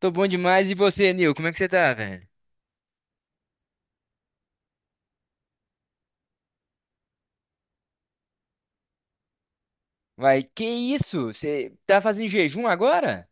Tô bom demais. E você, Nil? Como é que você tá, velho? Vai, que isso? Você tá fazendo jejum agora?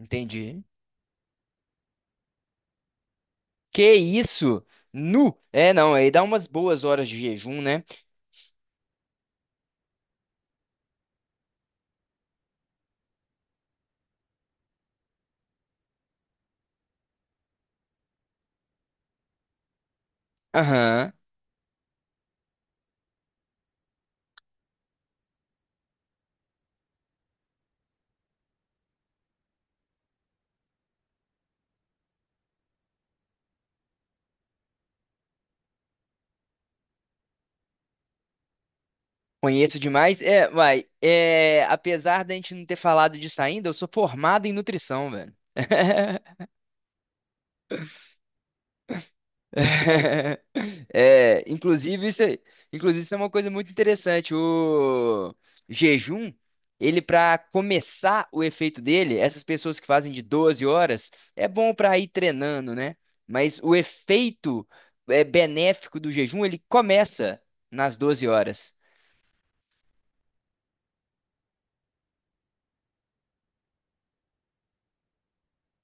Entendi. Que isso? Nu? É, não, aí dá umas boas horas de jejum, né? Aham. Conheço demais. É, vai. É, apesar da gente não ter falado disso ainda, eu sou formado em nutrição, velho. É, inclusive isso, inclusive isso é uma coisa muito interessante. O jejum, ele para começar o efeito dele, essas pessoas que fazem de 12 horas, é bom para ir treinando, né? Mas o efeito benéfico do jejum, ele começa nas 12 horas.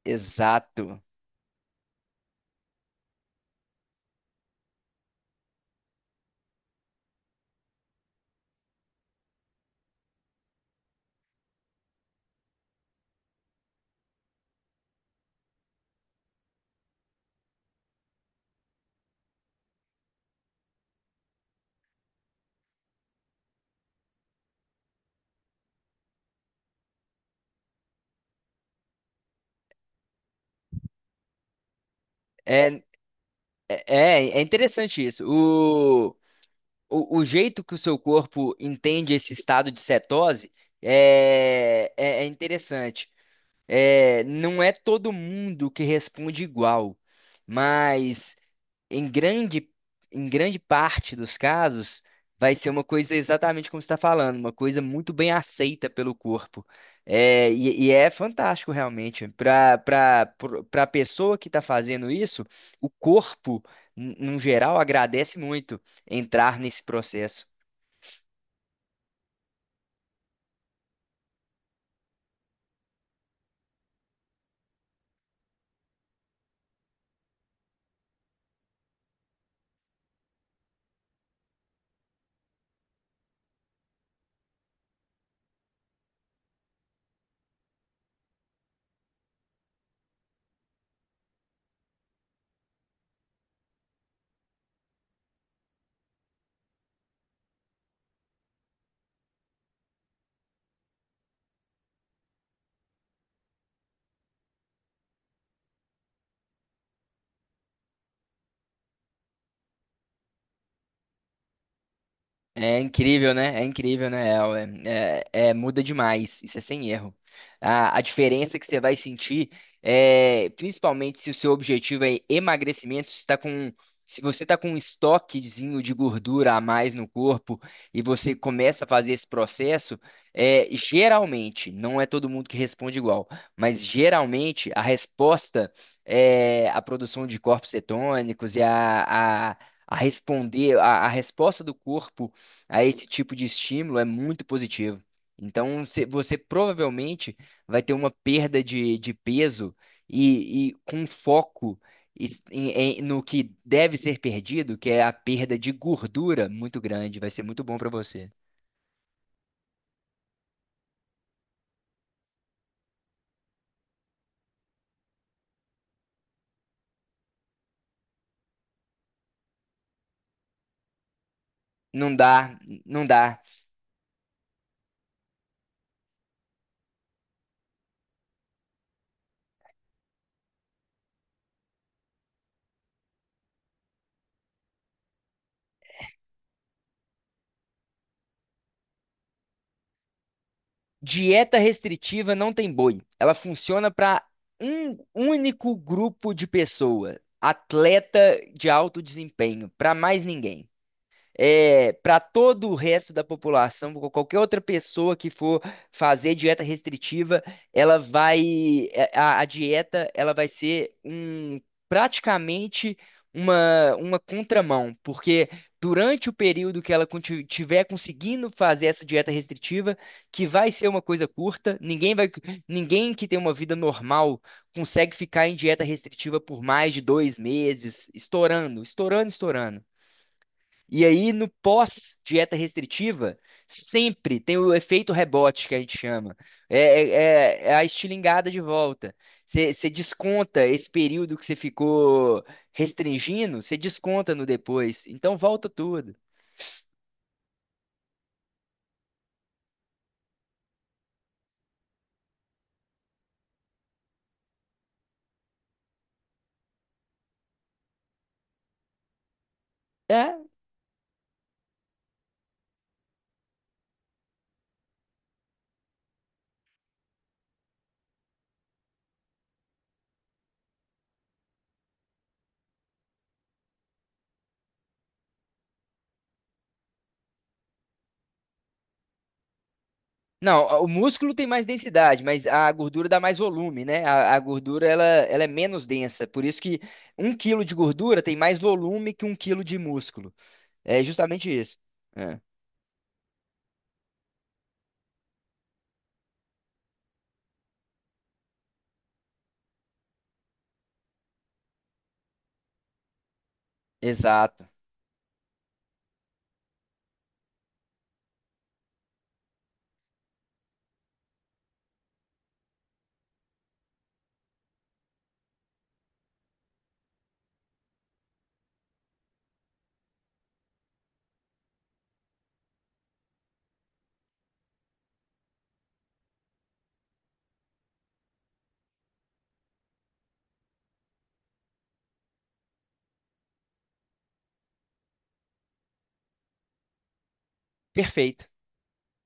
Exato. É, é, é interessante isso. O jeito que o seu corpo entende esse estado de cetose é interessante. É, não é todo mundo que responde igual, mas em grande, em grande parte dos casos vai ser uma coisa exatamente como você está falando, uma coisa muito bem aceita pelo corpo. E é fantástico realmente. Para a pessoa que está fazendo isso, o corpo, no geral, agradece muito entrar nesse processo. É incrível, né? É incrível, né? Muda demais, isso é sem erro. A diferença que você vai sentir, é, principalmente se o seu objetivo é emagrecimento, se você está com um estoquezinho de gordura a mais no corpo e você começa a fazer esse processo, geralmente, não é todo mundo que responde igual, mas geralmente a resposta é a produção de corpos cetônicos e a resposta do corpo a esse tipo de estímulo é muito positivo. Então, você provavelmente vai ter uma perda de peso e com foco es- em- no que deve ser perdido, que é a perda de gordura muito grande. Vai ser muito bom para você. Não dá, não dá. Dieta restritiva não tem boi. Ela funciona para um único grupo de pessoa, atleta de alto desempenho, para mais ninguém. Para todo o resto da população, pra qualquer outra pessoa que for fazer dieta restritiva, ela vai, a dieta, ela vai ser praticamente uma contramão, porque durante o período que ela tiver conseguindo fazer essa dieta restritiva, que vai ser uma coisa curta, ninguém vai, ninguém que tem uma vida normal consegue ficar em dieta restritiva por mais de 2 meses, estourando, estourando, estourando. E aí, no pós-dieta restritiva, sempre tem o efeito rebote que a gente chama. É, é- é a estilingada de volta. Você desconta esse período que você ficou restringindo, você desconta no depois. Então volta tudo. É. Não, o músculo tem mais densidade, mas a gordura dá mais volume, né? A gordura ela é menos densa. Por isso que 1 quilo de gordura tem mais volume que 1 quilo de músculo. É justamente isso. É. Exato. Perfeito.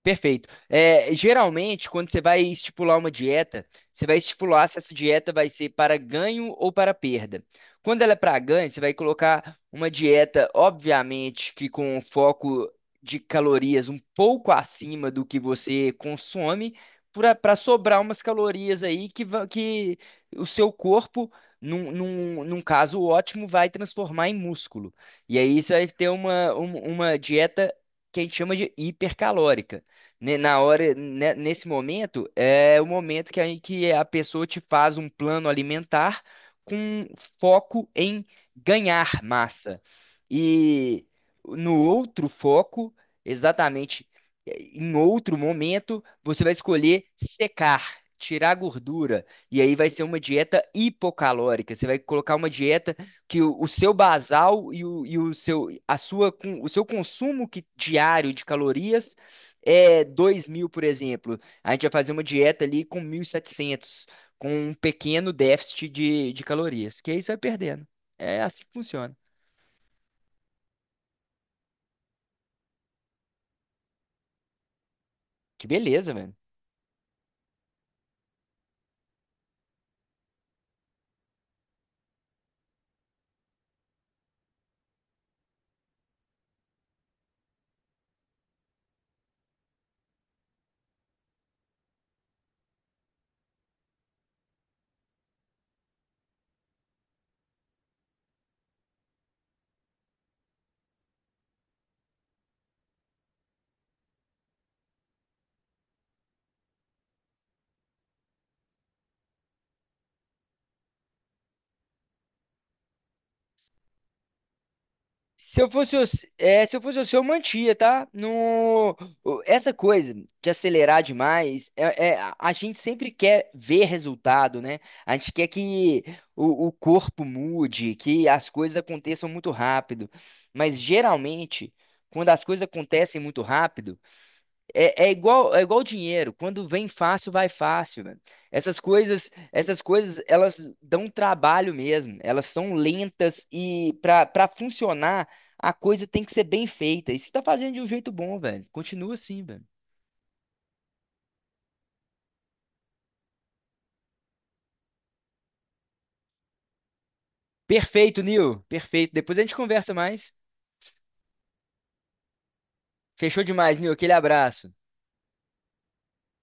Perfeito. É, geralmente, quando você vai estipular uma dieta, você vai estipular se essa dieta vai ser para ganho ou para perda. Quando ela é para ganho, você vai colocar uma dieta, obviamente, que com um foco de calorias um pouco acima do que você consome, para sobrar umas calorias aí que o seu corpo, num caso ótimo, vai transformar em músculo. E aí você vai ter uma dieta que a gente chama de hipercalórica. Na hora, nesse momento, é o momento que a pessoa te faz um plano alimentar com foco em ganhar massa. E no outro foco, exatamente, em outro momento, você vai escolher secar, tirar gordura. E aí vai ser uma dieta hipocalórica. Você vai colocar uma dieta que o seu basal e o seu consumo diário de calorias é 2.000, por exemplo, a gente vai fazer uma dieta ali com 1.700, com um pequeno déficit de calorias, que aí você vai perdendo. É assim que funciona. Que beleza, velho. Se eu fosse, o se é, se eu fosse o seu, eu mantia, tá? No, o- Essa coisa de acelerar demais, a gente sempre quer ver resultado, né? A gente quer que o corpo mude, que as coisas aconteçam muito rápido. Mas geralmente, quando as coisas acontecem muito rápido, é igual dinheiro. Quando vem fácil, vai fácil, velho. Essas coisas, elas dão trabalho mesmo. Elas são lentas e para funcionar, a coisa tem que ser bem feita. E você tá fazendo de um jeito bom, velho. Continua assim, velho. Perfeito, Nil. Perfeito. Depois a gente conversa mais. Fechou demais, Nil. Aquele abraço.